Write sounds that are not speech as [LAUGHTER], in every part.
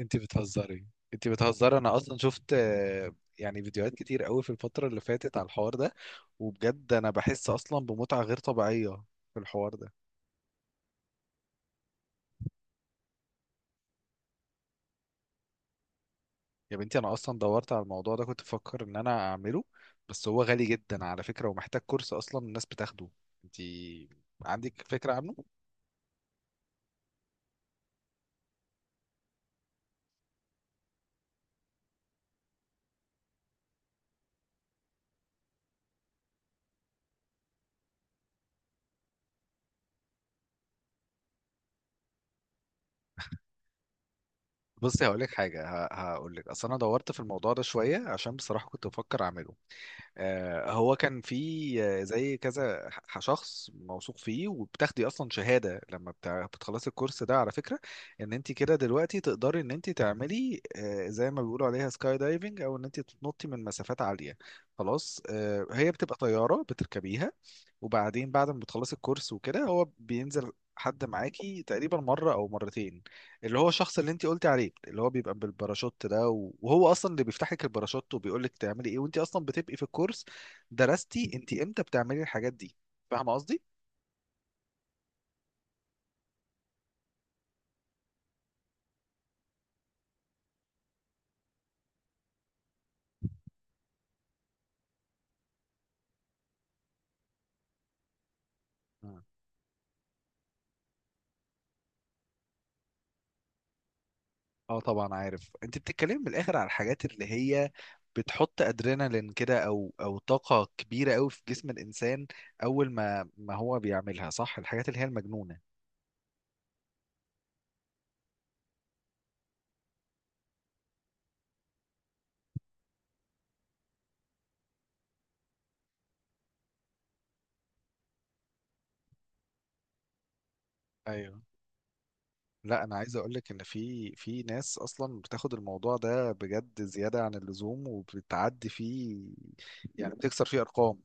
انت بتهزري انت بتهزري، انا اصلا شفت يعني فيديوهات كتير قوي في الفترة اللي فاتت على الحوار ده. وبجد انا بحس اصلا بمتعة غير طبيعية في الحوار ده. يا بنتي انا اصلا دورت على الموضوع ده، كنت بفكر ان انا اعمله، بس هو غالي جدا على فكرة ومحتاج كورس اصلا الناس بتاخده. انت عندك فكرة عنه؟ بصي هقول لك حاجة، هقول لك اصل انا دورت في الموضوع ده شوية عشان بصراحة كنت بفكر اعمله. هو كان في زي كذا شخص موثوق فيه، وبتاخدي اصلا شهاده لما بتخلصي الكورس ده على فكره، ان انت كده دلوقتي تقدري ان انت تعملي زي ما بيقولوا عليها سكاي دايفنج، او ان انت تنطي من مسافات عاليه. خلاص، هي بتبقى طياره بتركبيها، وبعدين بعد ما بتخلصي الكورس وكده هو بينزل حد معاكي تقريبا مرة أو مرتين، اللي هو الشخص اللي انت قلتي عليه، اللي هو بيبقى بالباراشوت ده، وهو أصلا اللي بيفتح لك الباراشوت وبيقول لك تعملي إيه، وانت أصلا بتبقي في الكورس. درستي انت إمتى بتعملي الحاجات دي؟ فاهمة قصدي؟ مم. اه طبعا عارف، انت بتتكلمي من الآخر على الحاجات اللي هي بتحط ادرينالين كده او او طاقة كبيرة قوي في جسم الانسان اول ما هو بيعملها صح، الحاجات اللي هي المجنونة. ايوه، لا انا عايز اقول لك ان في ناس اصلا بتاخد الموضوع ده بجد زياده عن اللزوم وبتعدي فيه، يعني بتكسر فيه ارقام.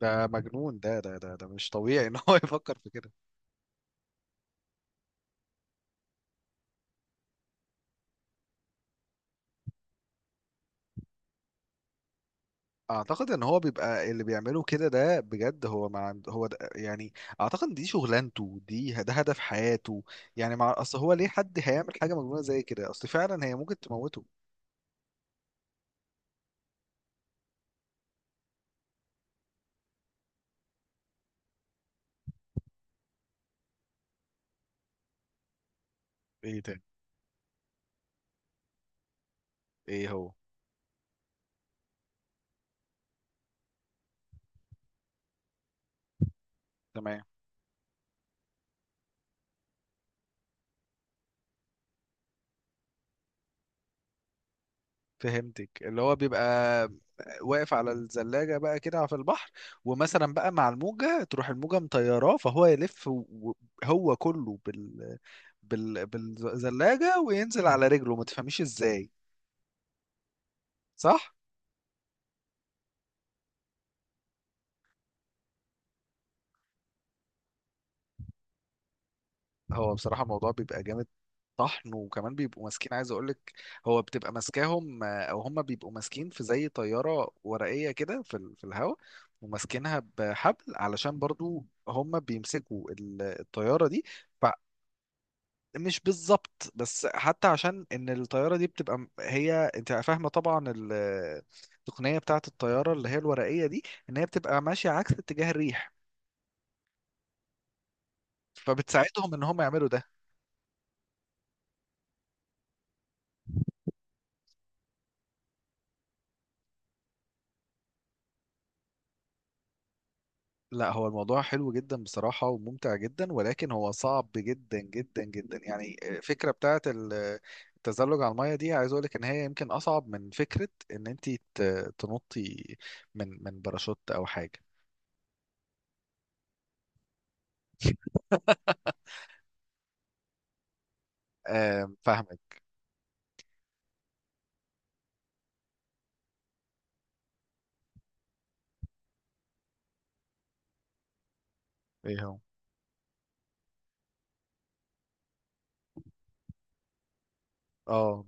ده مجنون، ده مش طبيعي ان هو [LAUGHS] يفكر في كده. اعتقد ان هو بيبقى اللي بيعمله كده ده بجد هو ما عند هو ده يعني، اعتقد دي شغلانته، دي ده هدف حياته. يعني مع اصل هو ليه حد هيعمل حاجه مجنونه زي كده، اصل فعلا هي ممكن تموته. ايه تاني؟ ايه هو؟ تمام. فهمتك، اللي هو بيبقى واقف على الزلاجة بقى كده في البحر، ومثلا بقى مع الموجة تروح الموجة مطيراه فهو يلف هو كله بالزلاجة وينزل على رجله ما تفهميش ازاي. صح؟ هو بصراحة الموضوع بيبقى جامد طحن، وكمان بيبقوا ماسكين، عايز اقولك هو بتبقى ماسكاهم او هم بيبقوا ماسكين في زي طيارة ورقية كده في في الهواء، وماسكينها بحبل، علشان برضو هم بيمسكوا الطيارة دي. مش بالظبط، بس حتى عشان ان الطياره دي بتبقى هي انت فاهمه طبعا التقنيه بتاعه الطياره اللي هي الورقيه دي، ان هي بتبقى ماشيه عكس اتجاه الريح، فبتساعدهم ان هم يعملوا ده. لا هو الموضوع حلو جدا بصراحه وممتع جدا، ولكن هو صعب جدا جدا جدا. يعني الفكره بتاعه التزلج على الميه دي، عايز اقول لك ان هي يمكن اصعب من فكره ان انت تنطي من باراشوت او حاجه. [LAUGHS] فاهمك. ايه هو؟ اه،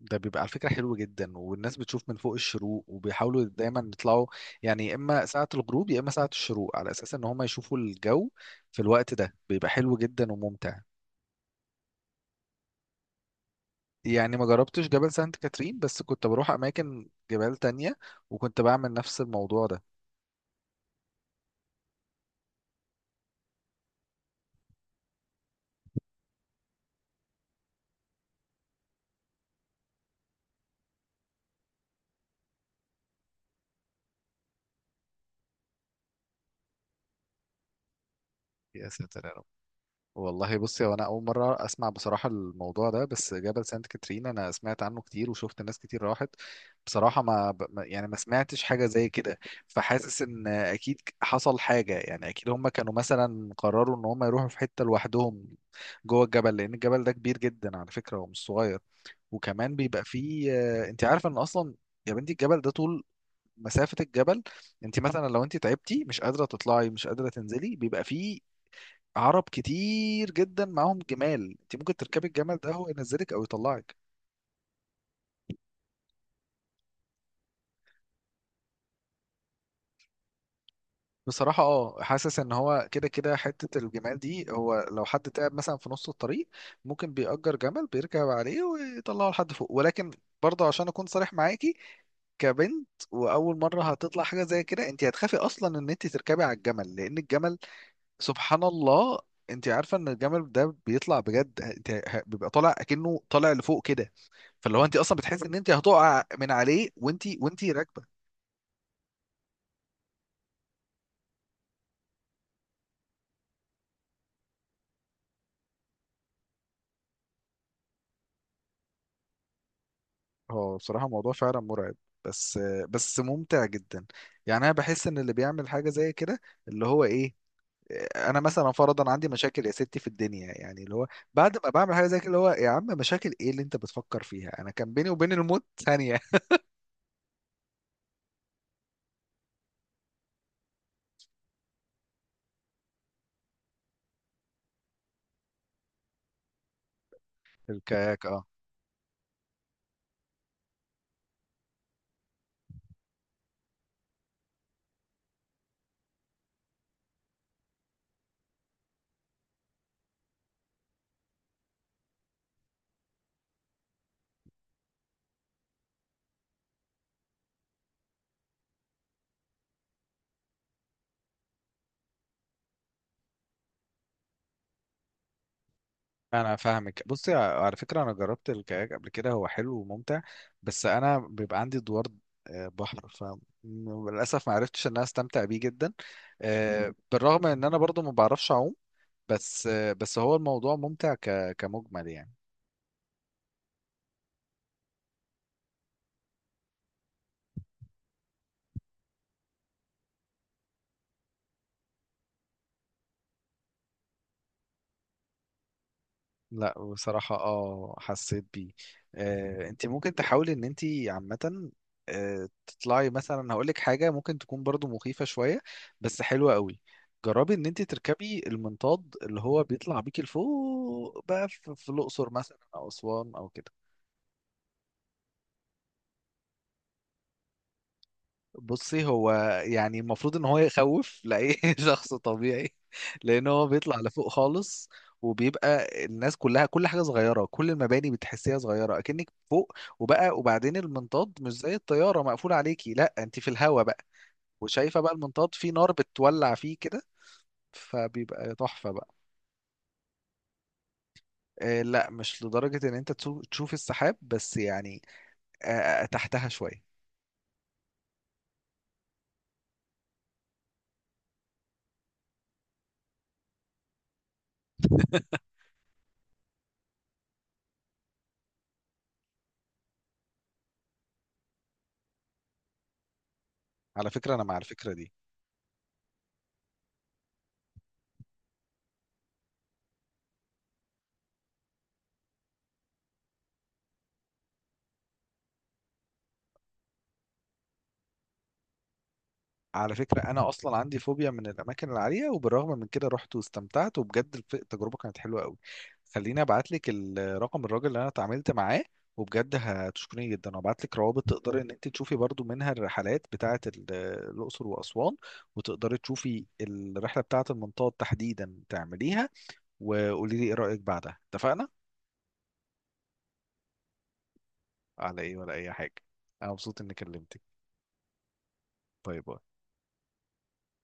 ده بيبقى على فكرة حلو جدا، والناس بتشوف من فوق الشروق وبيحاولوا دايما يطلعوا، يعني يا اما ساعة الغروب يا اما ساعة الشروق، على اساس ان هم يشوفوا الجو في الوقت ده بيبقى حلو جدا وممتع. يعني ما جربتش جبل سانت كاترين، بس كنت بروح اماكن جبال تانية وكنت بعمل نفس الموضوع ده. يا ساتر يا رب. والله بصي، هو انا اول مره اسمع بصراحه الموضوع ده، بس جبل سانت كاترين انا سمعت عنه كتير وشفت ناس كتير راحت، بصراحه ما ب- ما- يعني ما سمعتش حاجه زي كده. فحاسس ان اكيد حصل حاجه، يعني اكيد هم كانوا مثلا قرروا ان هم يروحوا في حته لوحدهم جوه الجبل، لان الجبل ده كبير جدا على فكره ومش صغير. وكمان بيبقى فيه انت عارفه ان اصلا، يا بنتي الجبل ده طول مسافة الجبل، انت مثلا لو انت تعبتي مش قادرة تطلعي مش قادرة تنزلي، بيبقى فيه عرب كتير جدا معاهم جمال، انت ممكن تركبي الجمل ده هو ينزلك او يطلعك. بصراحة اه، حاسس ان هو كده كده حتة الجمال دي، هو لو حد تعب مثلا في نص الطريق ممكن بيأجر جمل بيركب عليه ويطلعه لحد فوق. ولكن برضه عشان اكون صريح معاكي، كبنت واول مرة هتطلع حاجة زي كده، انت هتخافي اصلا ان انت تركبي على الجمل، لان الجمل سبحان الله، انت عارفة ان الجمل ده بيطلع بجد، انت بيبقى طالع اكنه طالع لفوق كده، فاللي هو انت اصلا بتحس ان انت هتقع من عليه وانت وانت راكبه. هو بصراحه الموضوع فعلا مرعب، بس بس ممتع جدا. يعني انا بحس ان اللي بيعمل حاجه زي كده اللي هو ايه، انا مثلا فرضا عندي مشاكل يا ستي في الدنيا، يعني اللي هو بعد ما بعمل حاجه زي كده اللي هو يا عم مشاكل ايه اللي انت بتفكر فيها، انا كان بيني وبين الموت ثانيه. [LAUGHS] الكاياك اه. انا فاهمك، بصي على فكره انا جربت الكاياك قبل كده، هو حلو وممتع، بس انا بيبقى عندي دوار بحر، فللاسف ما عرفتش ان انا استمتع بيه جدا، بالرغم ان انا برضو ما بعرفش اعوم. بس بس هو الموضوع ممتع كمجمل يعني. لا بصراحة اه حسيت بيه. انت ممكن تحاولي ان انت عامة، تطلعي مثلا، هقولك حاجة ممكن تكون برضو مخيفة شوية بس حلوة قوي، جربي ان انت تركبي المنطاد اللي هو بيطلع بيكي لفوق بقى في الاقصر مثلا او اسوان او كده. بصي هو يعني المفروض ان هو يخوف لاي [LAUGHS] شخص طبيعي، لان هو بيطلع لفوق خالص، وبيبقى الناس كلها كل حاجه صغيره كل المباني بتحسيها صغيره اكنك فوق. وبقى وبعدين المنطاد مش زي الطياره مقفول عليكي، لا انت في الهوا بقى، وشايفه بقى المنطاد فيه نار بتولع فيه كده، فبيبقى تحفه بقى. آه لا، مش لدرجه ان انت تشوف السحاب، بس يعني آه، تحتها شويه. [LAUGHS] على فكره انا مع الفكره دي. على فكرة أنا أصلا عندي فوبيا من الأماكن العالية، وبالرغم من كده رحت واستمتعت، وبجد التجربة كانت حلوة قوي. خليني أبعت لك رقم الراجل اللي أنا اتعاملت معاه، وبجد هتشكريني جدا، وأبعت لك روابط تقدري إن أنت تشوفي برضو منها الرحلات بتاعة الأقصر وأسوان، وتقدري تشوفي الرحلة بتاعة المنطاد تحديدا تعمليها، وقولي لي إيه رأيك بعدها. اتفقنا؟ على إيه ولا أي حاجة. أنا مبسوط إني كلمتك. باي باي.